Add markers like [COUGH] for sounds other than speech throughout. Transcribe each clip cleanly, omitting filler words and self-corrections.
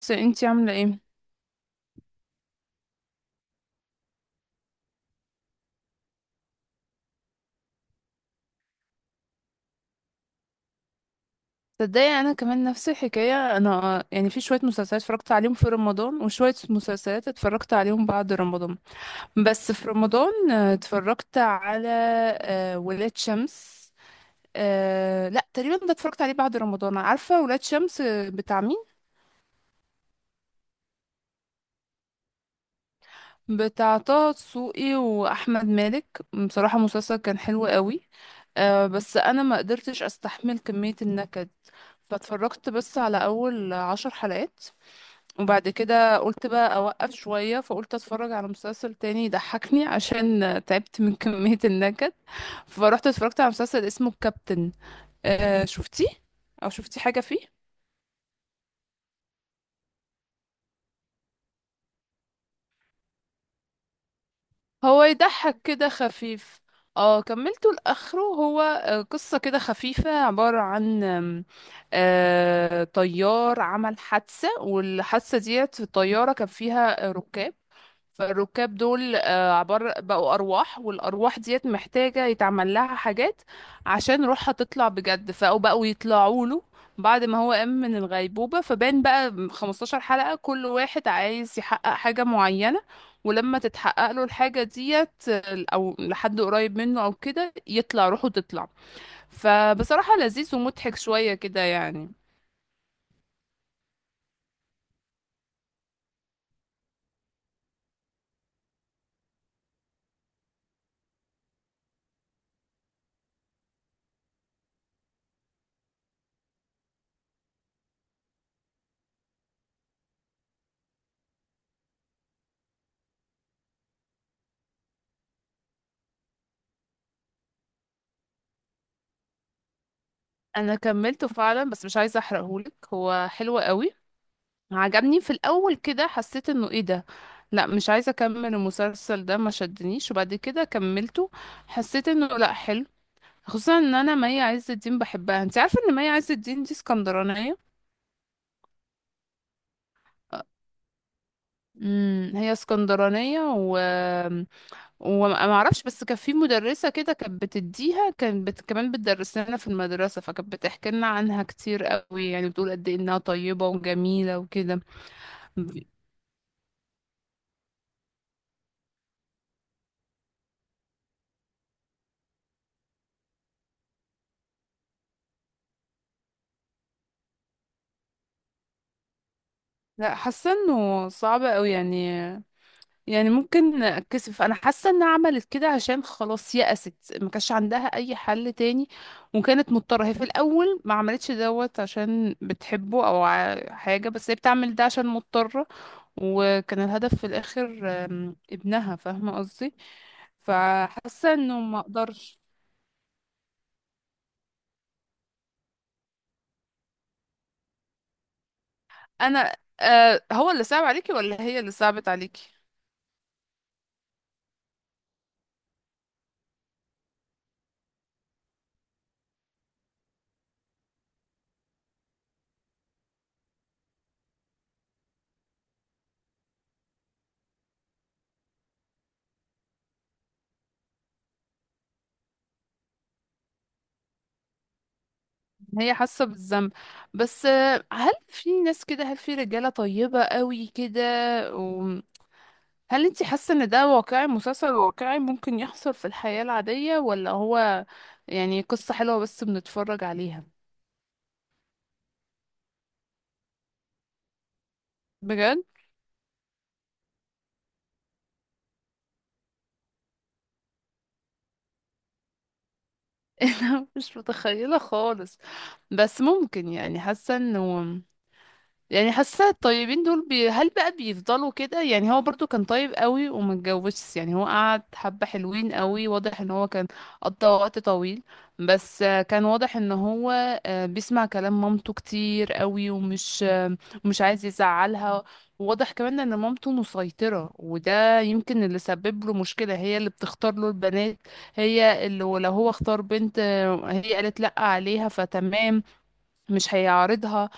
بس انتي عاملة ايه؟ تصدقي، انا كمان نفس الحكاية. انا يعني في شوية مسلسلات اتفرجت عليهم في رمضان، وشوية مسلسلات اتفرجت عليهم بعد رمضان. بس في رمضان اتفرجت على ولاد شمس. لا، تقريبا ده اتفرجت عليه بعد رمضان. عارفة ولاد شمس بتاع مين؟ بتاع طه دسوقي واحمد مالك. بصراحة مسلسل كان حلو قوي. بس انا ما قدرتش استحمل كمية النكد، فاتفرجت بس على اول عشر حلقات. وبعد كده قلت بقى اوقف شوية، فقلت اتفرج على مسلسل تاني يضحكني [LAUGHS] عشان تعبت من كمية النكد. فروحت اتفرجت على مسلسل اسمه الكابتن. آه، شفتيه او شفتي حاجة فيه؟ هو يضحك كده خفيف. اه، كملته لاخره. هو قصة كده خفيفة، عبارة عن آم، آه، طيار عمل حادثة، والحادثة ديت في الطيارة كان فيها ركاب. فالركاب دول عبارة بقوا أرواح، والأرواح ديت محتاجة يتعمل لها حاجات عشان روحها تطلع بجد. فبقوا يطلعوا له بعد ما هو قام من الغيبوبة، فبان بقى 15 حلقة كل واحد عايز يحقق حاجة معينة. ولما تتحقق له الحاجة ديت أو لحد قريب منه أو كده يطلع روحه، تطلع. فبصراحة لذيذ ومضحك شوية كده يعني. أنا كملته فعلا، بس مش عايزة أحرقهولك، هو حلو قوي. عجبني في الاول، كده حسيت انه ايه ده، لا مش عايزه اكمل المسلسل ده، ما شدنيش. وبعد كده كملته، حسيت انه لا حلو. خصوصا ان انا مي عز الدين بحبها. انت عارفه ان مي عز الدين دي اسكندرانيه؟ امم، هي اسكندرانيه و وما ما اعرفش، بس كان في مدرسه كده كانت بتديها، كانت كمان بتدرس لنا في المدرسه، فكانت بتحكي لنا عنها كتير قوي، يعني بتقول قد ايه انها طيبه وجميله وكده. لا، حاسه انه صعب قوي يعني. يعني ممكن اتكسف. انا حاسه انها عملت كده عشان خلاص يأست، ما كانش عندها اي حل تاني، وكانت مضطره. هي في الاول ما عملتش دوت عشان بتحبه او حاجه، بس هي بتعمل ده عشان مضطره. وكان الهدف في الاخر ابنها، فاهمه قصدي؟ فحاسه انه ما اقدرش. انا هو اللي صعب عليكي ولا هي اللي صعبت عليكي؟ هي حاسه بالذنب. بس هل في ناس كده؟ هل في رجاله طيبه قوي كده؟ هل انت حاسة ان ده واقعي، مسلسل واقعي ممكن يحصل في الحياة العادية؟ ولا هو يعني قصة حلوة بس بنتفرج عليها؟ بجد؟ [LAUGHS] انا مش متخيلة خالص. بس ممكن، يعني حاسة انه، يعني حاسه الطيبين دول هل بقى بيفضلوا كده؟ يعني هو برضو كان طيب قوي وما اتجوزش. يعني هو قعد، حبه حلوين قوي، واضح ان هو كان قضى وقت طويل. بس كان واضح ان هو بيسمع كلام مامته كتير قوي، ومش مش عايز يزعلها. وواضح كمان ان مامته مسيطره، وده يمكن اللي سبب له مشكله، هي اللي بتختار له البنات. هي اللي لو هو اختار بنت هي قالت لا عليها، فتمام، مش هيعارضها.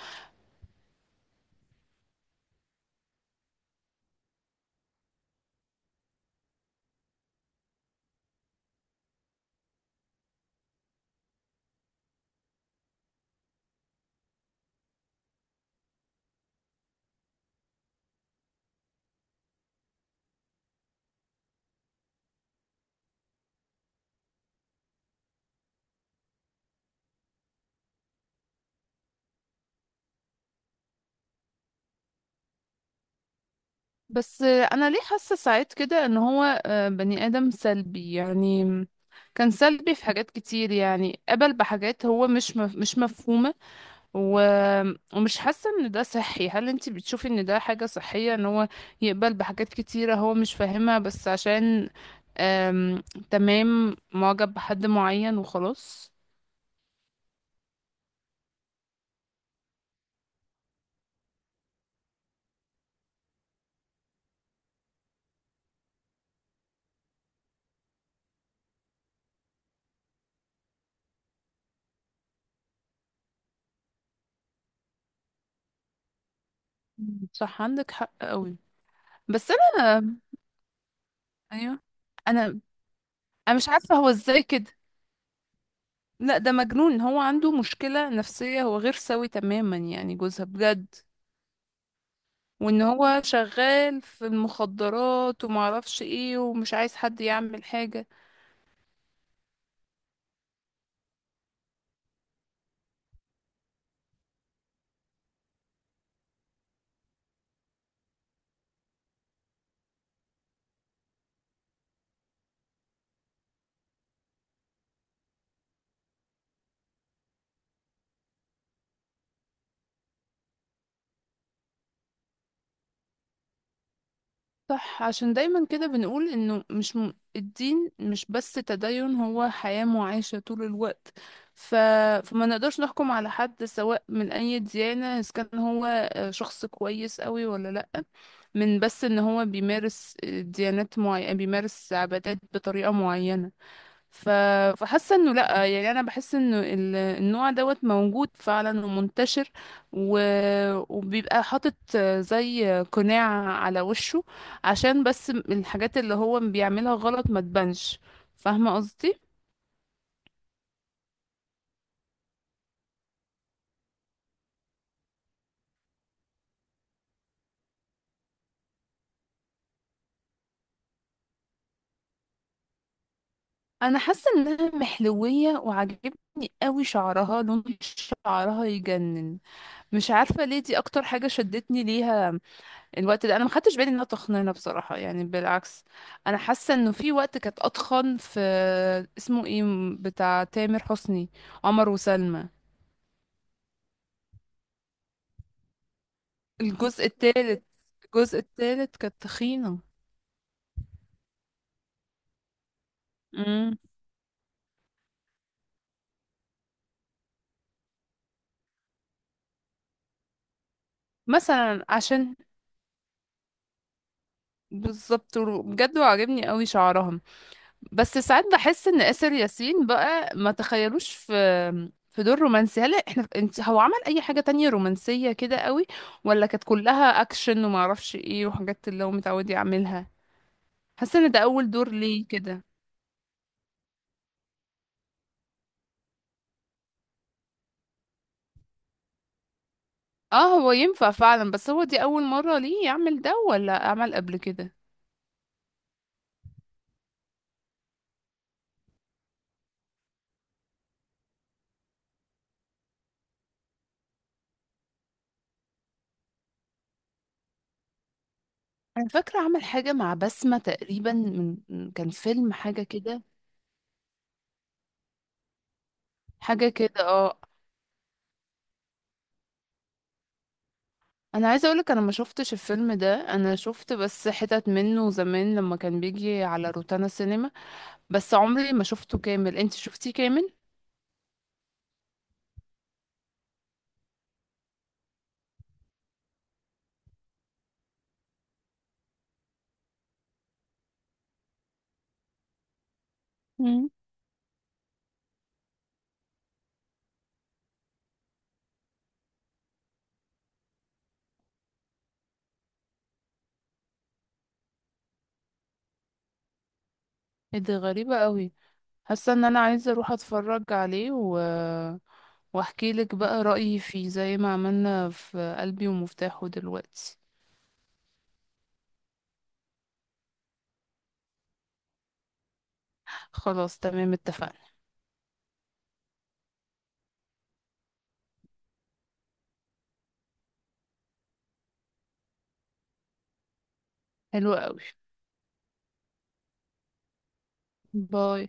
بس انا ليه حاسه ساعات كده ان هو بني ادم سلبي يعني. كان سلبي في حاجات كتير يعني، قبل بحاجات هو مش مفهومه. و... ومش حاسه ان ده صحي. هل انت بتشوفي ان ده حاجه صحيه ان هو يقبل بحاجات كتيره هو مش فاهمها، بس عشان آم... تمام، معجب بحد معين وخلاص؟ مم، صح، عندك حق قوي. بس انا، ايوه، انا انا مش عارفه هو ازاي كده. لا، ده مجنون، هو عنده مشكلة نفسية، هو غير سوي تماما يعني جوزها بجد. وان هو شغال في المخدرات ومعرفش ايه، ومش عايز حد يعمل حاجة. صح، عشان دايما كده بنقول انه مش م... الدين مش بس تدين، هو حياة معاشة طول الوقت. ف... فما نقدرش نحكم على حد سواء من اي ديانة اذا كان هو شخص كويس قوي ولا لا، من بس ان هو بيمارس ديانات معينة، بيمارس عبادات بطريقة معينة. ف... فحاسه انه لا، يعني انا بحس انه النوع دوت موجود فعلا ومنتشر، و... وبيبقى حاطط زي قناع على وشه عشان بس الحاجات اللي هو بيعملها غلط ما تبانش، فاهمه قصدي؟ انا حاسه انها محلويه، وعجبني قوي شعرها، لون شعرها يجنن. مش عارفه ليه دي اكتر حاجه شدتني ليها الوقت ده. انا ما خدتش بالي انها تخنانه بصراحه، يعني بالعكس. انا حاسه انه في وقت كانت اتخن في، اسمه ايه، بتاع تامر حسني، عمر وسلمى. الجزء الثالث، الجزء الثالث كانت تخينه. امم. مثلا عشان، بالظبط بجد، وعجبني قوي شعرها. بس ساعات بحس ان آسر ياسين بقى ما تخيلوش في دور رومانسي. هل احنا، انت، هو عمل اي حاجة تانية رومانسية كده قوي؟ ولا كانت كلها اكشن وما اعرفش ايه، وحاجات اللي هو متعود يعملها؟ حاسة ان ده اول دور ليه كده. اه، هو ينفع فعلا، بس هو دي اول مرة ليه يعمل ده ولا عمل قبل كده؟ انا فاكرة عمل حاجة مع بسمة تقريبا، كان فيلم، حاجة كده، حاجة كده، اه. انا عايزه اقولك، انا ما شفتش الفيلم ده، انا شفت بس حتت منه زمان لما كان بيجي على روتانا سينما، بس عمري ما شفته كامل. انت شفتيه كامل؟ مم. ايه ده، غريبه قوي. حاسه ان انا عايزه اروح اتفرج عليه، واحكي لك بقى رايي فيه، زي ما عملنا في قلبي ومفتاحه دلوقتي. خلاص، تمام، اتفقنا. حلو قوي. باي.